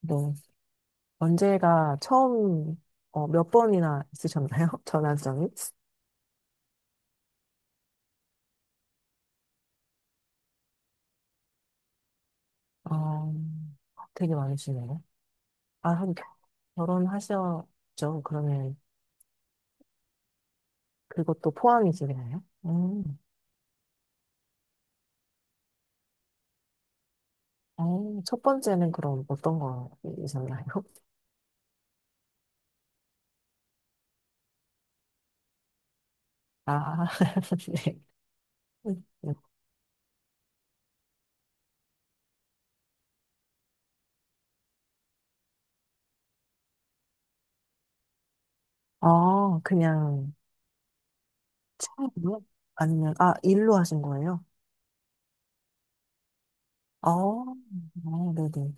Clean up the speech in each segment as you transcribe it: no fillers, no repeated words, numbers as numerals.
네. 언제가 처음, 몇 번이나 있으셨나요? 전화성이? 어, 되게 많으시네요. 아, 한 결혼하셨죠? 그러면 그것도 포함이 되나요? 음. 첫 번째는 그럼 어떤 거이셨나요? 아, 네. 음. 아, 그냥 차로? 아니면, 아, 일로 하신 거예요? 아, 아, 네네.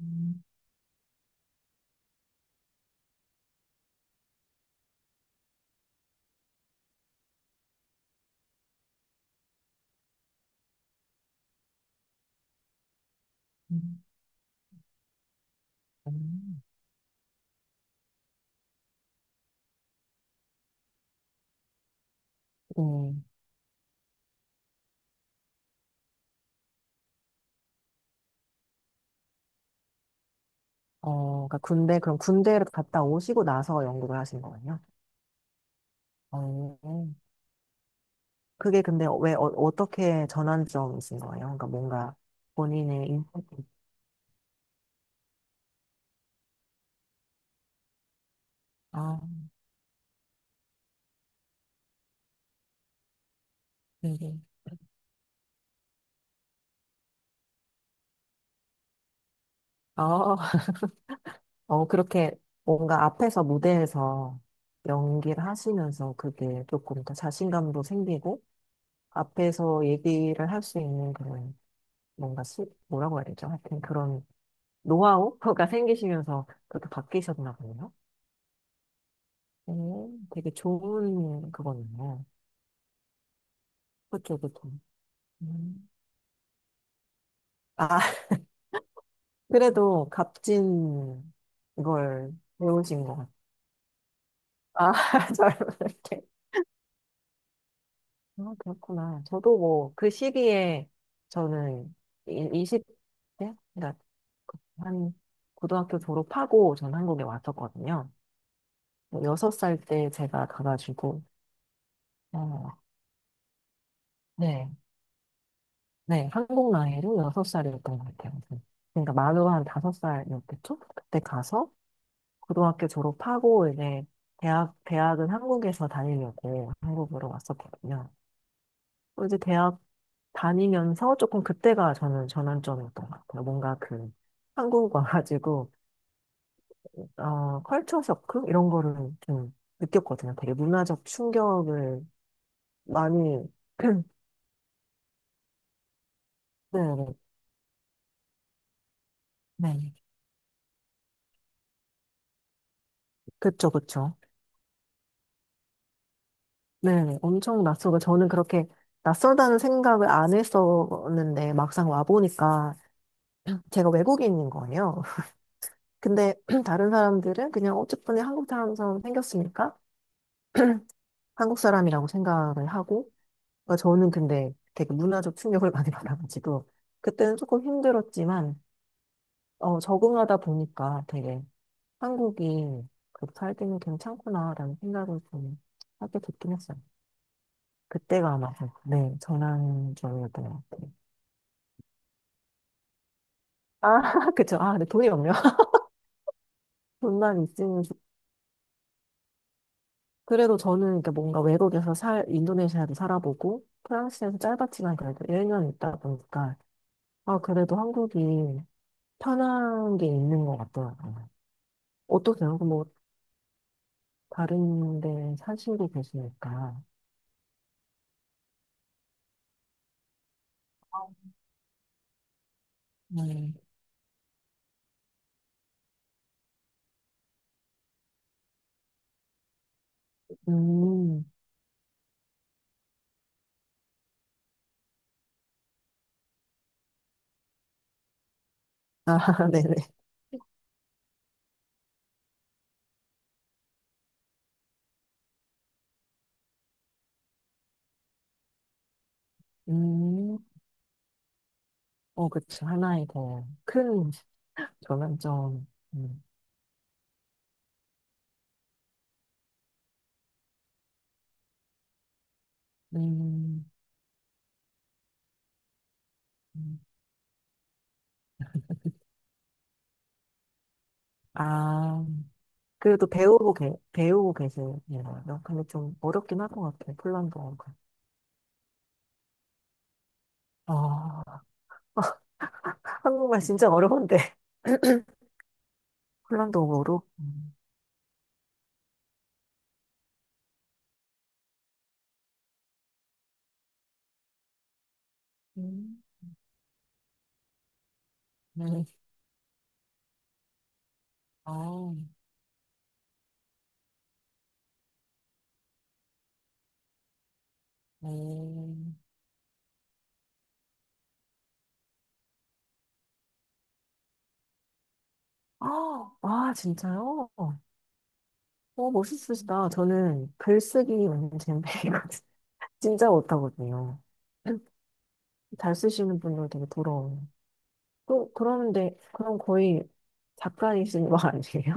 음, 음, 음. 네. 그러니까 군대, 그럼 군대를 갔다 오시고 나서 연구를 하신 거예요? 어, 그게 근데 왜, 어떻게 전환점이신 거예요? 그러니까 뭔가 본인의, 인- 아, 네. 어, 그렇게 뭔가 앞에서 무대에서 연기를 하시면서 그게 조금 더 자신감도 생기고 앞에서 얘기를 할 수 있는 그런 뭔가 수, 뭐라고 해야 되죠? 하여튼 그런 노하우가 생기시면서 그렇게 바뀌셨나 보네요. 오, 되게 좋은 그거네요. 그쵸, 그쵸. 음. 아, 그래도 값진 걸 배우신 것 같아요. 아, 잘 모르게. 아, 그렇구나. 저도 뭐, 그 시기에 저는 20대? 그러니까 한 고등학교 졸업하고 전 한국에 왔었거든요. 6살 때 제가 가가지고, 어, 네. 네, 한국 나이로 여섯 살이었던 것 같아요. 네. 그러니까 만으로 한 다섯 살이었겠죠? 그때 가서 고등학교 졸업하고 이제 대학은 한국에서 다니려고 한국으로 왔었거든요. 또 이제 대학 다니면서 조금 그때가 저는 전환점이었던 것 같아요. 뭔가 그 한국 와가지고, 컬처 쇼크? 이런 거를 좀 느꼈거든요. 되게 문화적 충격을 많이, 네, 네. 네. 그쵸, 그쵸. 네, 엄청 낯설고 저는 그렇게 낯설다는 생각을 안 했었는데 막상 와보니까 제가 외국인인 거예요. 근데 다른 사람들은 그냥 어쨌든 한국 사람처럼 생겼으니까 한국 사람이라고 생각을 하고, 그러니까 저는 근데 되게 문화적 충격을 많이 받아가지고 그때는 조금 힘들었지만 적응하다 보니까 되게 한국이 그렇게 살 때는 괜찮구나라는 생각을 좀 하게 됐긴 했어요. 그때가 아마 네, 전환점이었던 것 같아요. 아, 그쵸. 아, 근데 돈이 없네요. 돈만 있으면. 좋- 그래도 저는 그러니까 뭔가 외국에서 인도네시아도 살아보고, 프랑스에서 짧았지만 그래도 1년 있다 보니까, 아, 그래도 한국이 편한 게 있는 것 같더라고요. 어떠세요? 그럼 뭐, 다른 데 사시고 계시니까. 음, 음. 아, 네네. 음, 어, 그쵸. 하나의 더 큰 전환점. 음, 음. 음. 아. 그래도 배우고 계시네요. 근데 좀 어렵긴 할 것 같아요. 폴란드어가. 아, 한국말 진짜 어려운데. 폴란드어로. 음. 음. 네. 아, 네. 아, 와, 진짜요? 어, 멋있으시다. 저는 글쓰기 완전 젬병이거든요. 진짜 못하거든요. 잘 쓰시는 분들 되게 부러워요. 그러는데, 그럼 거의 작가이신 거 아니에요?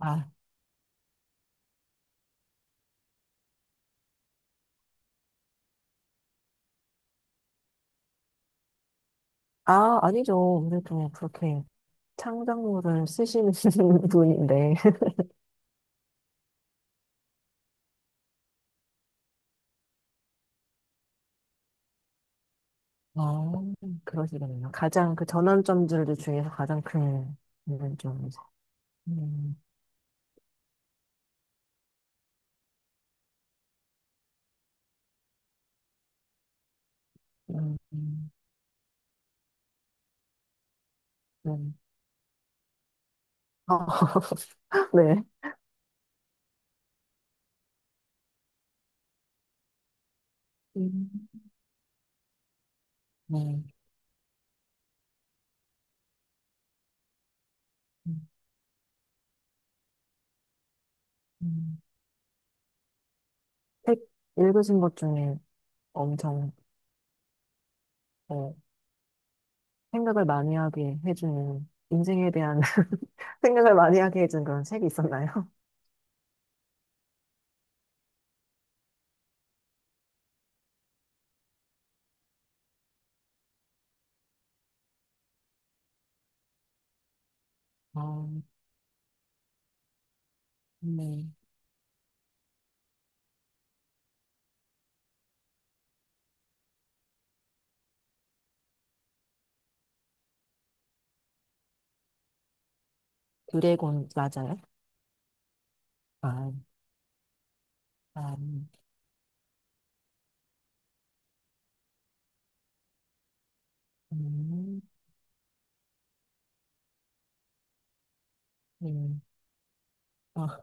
아, 아, 아니죠. 아무래도 그렇게. 창작물을 쓰시는 분인데, 아, 그러시겠네요. 가장 그 전환점들 중에서 가장 큰 전환점이죠. 음, 음, 음, 음. 아, 네. 음. 네. 음, 음. 책 읽으신 것 중에 엄청 어, 생각을 많이 하게 해주는 인생에 대한 생각을 많이 하게 해준 그런 책이 있었나요? 아, 네. 드래곤 맞아요? 아, 아, 음, 음, 아,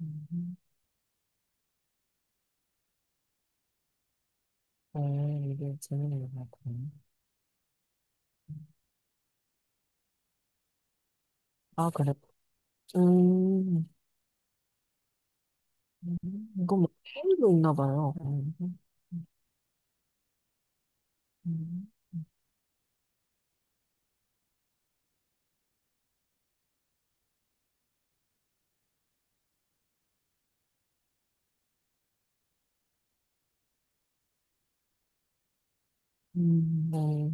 음, 어, 이게 재밌는 것 같아요. 아, 그래. 음, 음, 이거 뭐, 페이도 있나 봐요. 음, 네.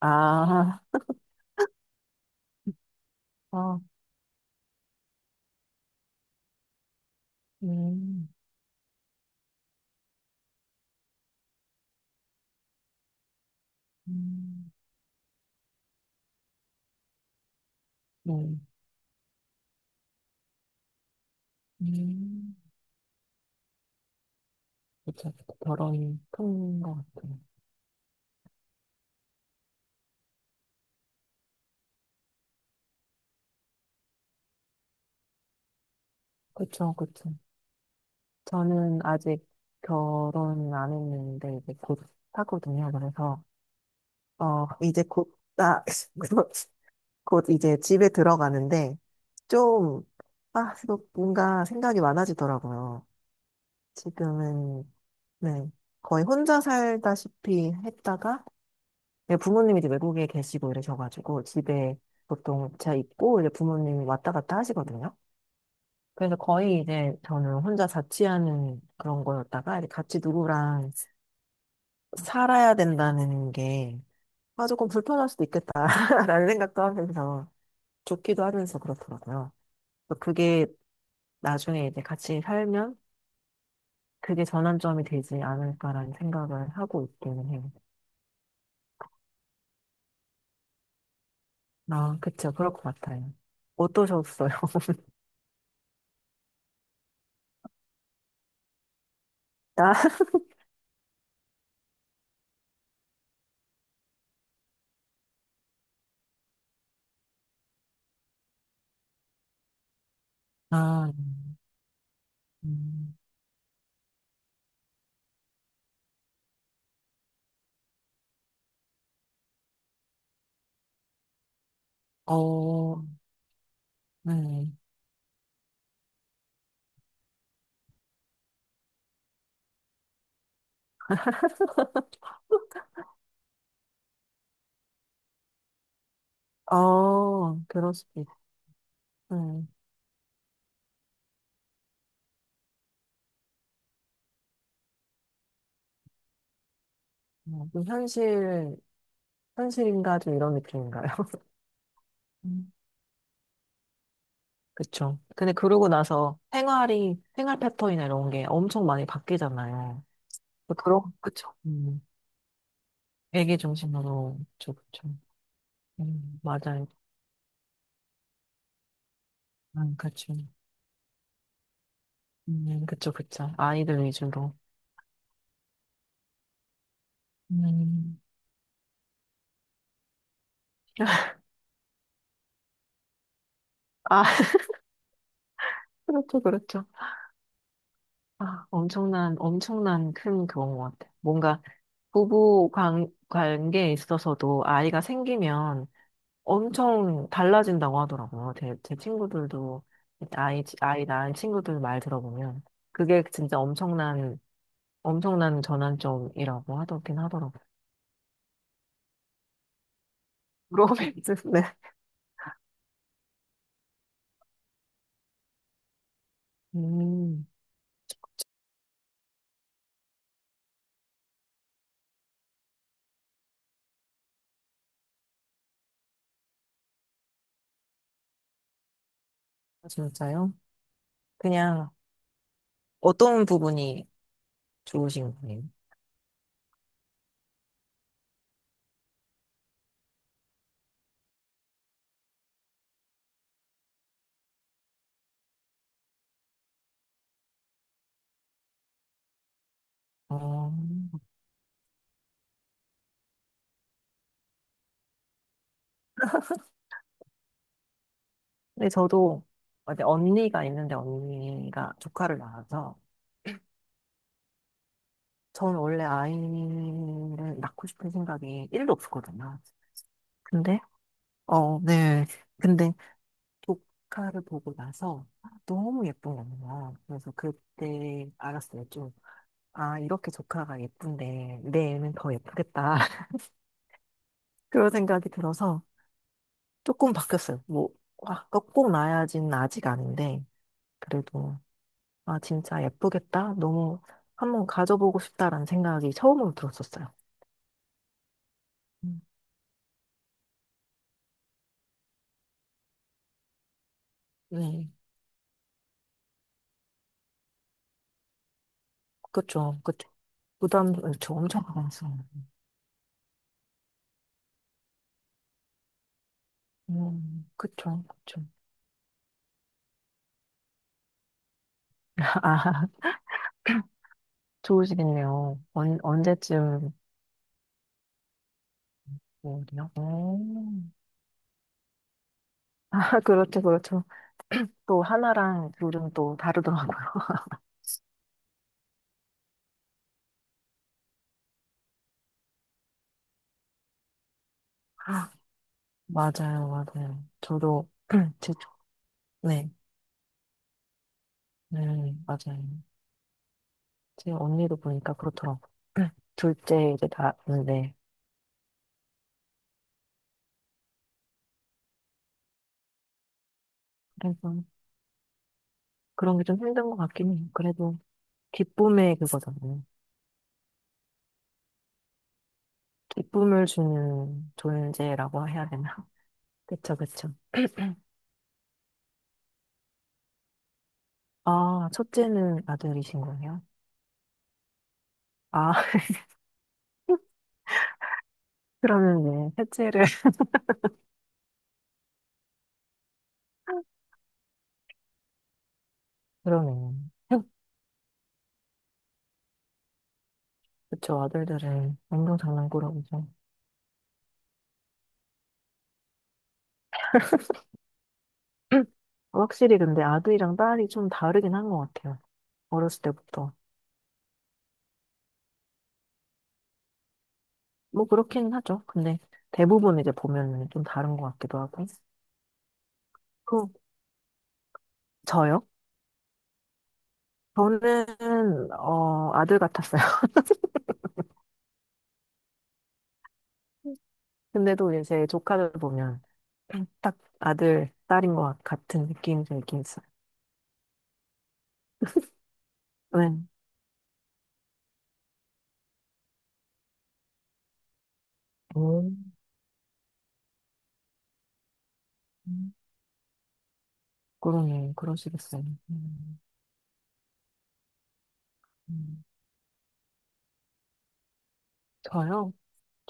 아, 아, 음, 음, 네. 음, 그쵸. 결혼이 큰 것 같아요. 그쵸, 그쵸. 저는 아직 결혼 안 했는데, 이제 곧 하거든요. 그래서, 어, 이제 곧, 아, 곧 이제 집에 들어가는데 좀, 아, 이거 뭔가 생각이 많아지더라고요. 지금은, 네, 거의 혼자 살다시피 했다가 네, 부모님이 이제 외국에 계시고 이러셔가지고 집에 보통 제가 있고 이제 부모님이 왔다 갔다 하시거든요. 그래서 거의 이제 저는 혼자 자취하는 그런 거였다가 이제 같이 누구랑 살아야 된다는 게 아, 조금 불편할 수도 있겠다라는 생각도 하면서 좋기도 하면서 그렇더라고요. 그래서 그게 나중에 이제 같이 살면 그게 전환점이 되지 않을까라는 생각을 하고 있기는 해요. 아, 그쵸. 그럴 것 같아요. 어떠셨어요? 나? 아, 음, 어, 네. 그럴 수도 있고. 음, 어, 좀 현실인가 좀 이런 느낌인가요? 음, 그쵸. 근데 그러고 나서 생활 패턴이나 이런 게 엄청 많이 바뀌잖아요. 그런, 그쵸. 음. 애기 중심으로, 그쵸, 그쵸. 맞아요. 그쵸. 그쵸, 그쵸. 아이들 위주로. 음. 아, 그렇죠, 그렇죠. 아, 엄청난, 엄청난 큰 그건 것 같아. 뭔가 부부 관계에 있어서도 아이가 생기면 엄청 달라진다고 하더라고요. 제 친구들도, 아이 낳은 친구들 말 들어보면 그게 진짜 엄청난, 엄청난 전환점이라고 하더긴 하더라고요. 로맨스, 네. 음. 아, 진짜요? 그냥 어떤 부분이 좋으신 거예요? 어, 근데 저도 어제 언니가 있는데 언니가 조카를 낳아서 저는 원래 아이를 낳고 싶은 생각이 1도 없었거든요. 근데 어, 네. 근데 조카를 보고 나서 너무 예쁜 거예요. 그래서 그때 알았어요. 좀, 아, 이렇게 조카가 예쁜데 내 애는 더 예쁘겠다. 그런 생각이 들어서 조금 바뀌었어요. 뭐, 와, 꼭 나야지는 아직 아닌데, 그래도, 아, 진짜 예쁘겠다. 너무 한번 가져보고 싶다라는 생각이 처음으로 들었었어요. 음, 네, 그쵸, 그쵸. 부담, 그쵸, 엄청 가봤어요. 그쵸, 그쵸. 아, 좋으시겠네요. 언제쯤, 뭐요? 아, 그렇죠, 그렇죠. 또 하나랑 둘은 또 다르더라고요. 맞아요, 맞아요. 저도, 제, 네, 네, 맞아요. 제 언니도 보니까 그렇더라고. 둘째 이제 낳았는데. 그래서 그런 게 좀 힘든 것 같긴 해요. 그래도 기쁨의 그거잖아요. 기쁨을 주는 존재라고 해야 되나? 그쵸, 그쵸. 아, 첫째는 아들이신 거예요? 아, 그러면 네, 셋째를. 그러네요. 그쵸, 아들들은 완전 장난꾸러기죠. 확실히 근데 아들이랑 딸이 좀 다르긴 한 것 같아요. 어렸을 때부터. 뭐 그렇긴 하죠. 근데 대부분 이제 보면은 좀 다른 것 같기도 하고. 그, 저요? 저는, 어, 아들 같았어요. 근데도 이제 제 조카들 보면 딱 아들, 딸인 것 같은 느낌이 들긴 있어요. 네. 오. 그러네, 그러시겠어요. 음, 음. 저요?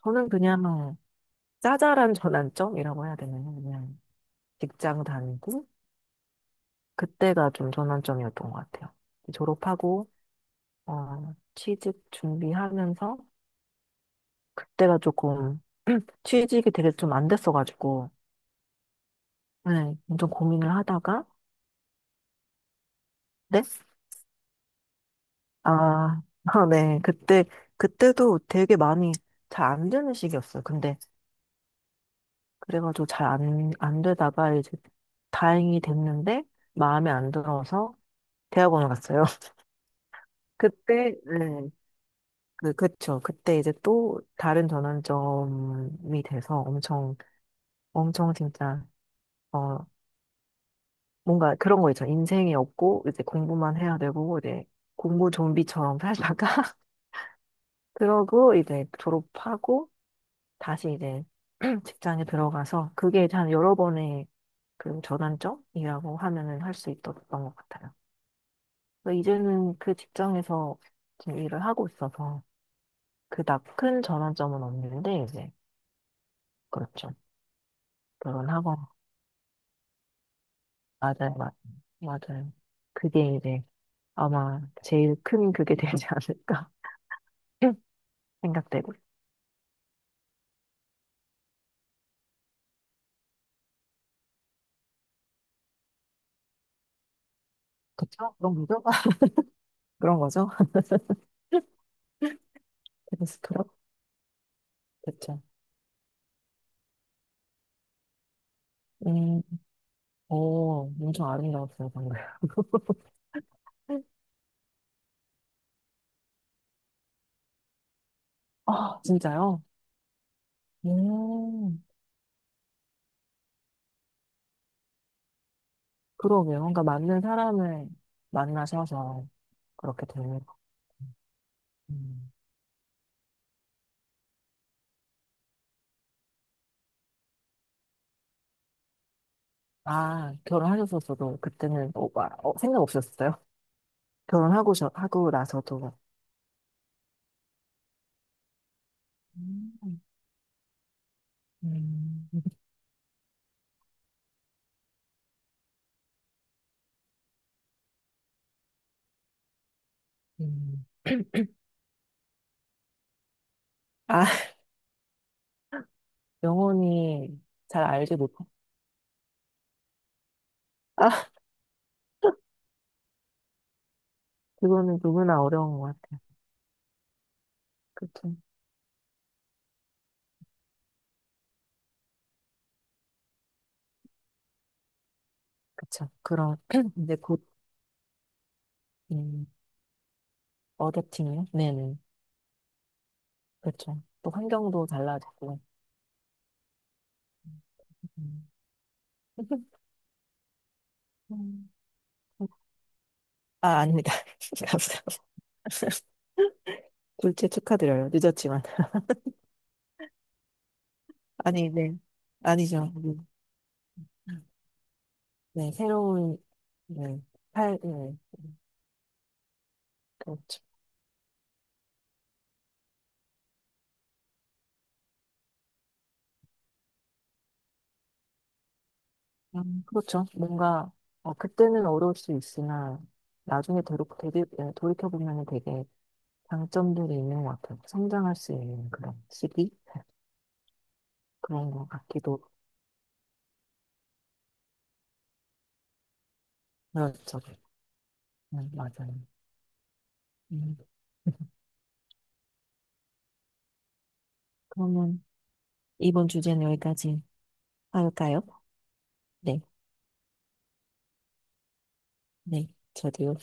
저는 그냥 짜잘한 전환점이라고 해야 되나요? 그냥 직장 다니고, 그때가 좀 전환점이었던 것 같아요. 졸업하고, 어, 취직 준비하면서 그때가 조금 취직이 되게 좀 안 됐어가지고 네, 엄청 고민을 하다가 네? 아, 아, 네. 그때 그때도 되게 많이 잘 안 되는 시기였어요. 근데 그래가지고 잘 안 되다가 이제 다행히 됐는데 마음에 안 들어서 대학원을 갔어요. 그때 네. 그쵸. 그때 이제 또 다른 전환점이 돼서 엄청, 엄청 진짜, 어, 뭔가 그런 거 있죠. 인생이 없고 이제 공부만 해야 되고 이제 공부 좀비처럼 살다가 그러고 이제 졸업하고 다시 이제 직장에 들어가서 그게 이제 한 여러 번의 그 전환점이라고 하면은 할 수 있었던 것 같아요. 그래서 이제는 그 직장에서 지금 일을 하고 있어서 그닥 큰 전환점은 없는데 이제 그렇죠. 결혼하고 맞아요, 맞아요, 맞아요. 그게 이제 아마 제일 큰 그게 되지 않을까 생각되고. 그쵸? 그런 거죠? 그런 거죠? 데스크럽? 그쵸. 음, 오, 엄청 아름다웠어요, 방금. 아, 진짜요? 음, 그러게요. 그러니까 맞는 사람을 만나셔서 그렇게 되는 거. 음. 아, 결혼하셨었어도 그때는 어, 와, 어, 생각 없으셨어요? 결혼하고 저, 하고 나서도. 음, 음, 음. 아, 영혼이 잘 알지 못해. 아, 그거는 누구나 어려운 것 같아요. 그쵸. 그쵸. 그런, 이제 곧 음, 어댑팅이요? 네네. 그렇죠. 또 환경도 달라지고. 음. 음. 아, 아닙니다. 감사합니다. 둘째 축하드려요. 늦었지만. 아니, 네. 아니죠. 음. 네, 새로운, 네, 팔, 네. 그렇죠. 그렇죠. 뭔가, 어, 그때는 어려울 수 있으나, 나중에 예, 돌이켜보면 되게 장점들이 있는 것 같아요. 성장할 수 있는 그런 시기? 그런 것 같기도 그렇죠. 맞아요. 음. 그러면 이번 주제는 여기까지 할까요? 네, 네, 저도요.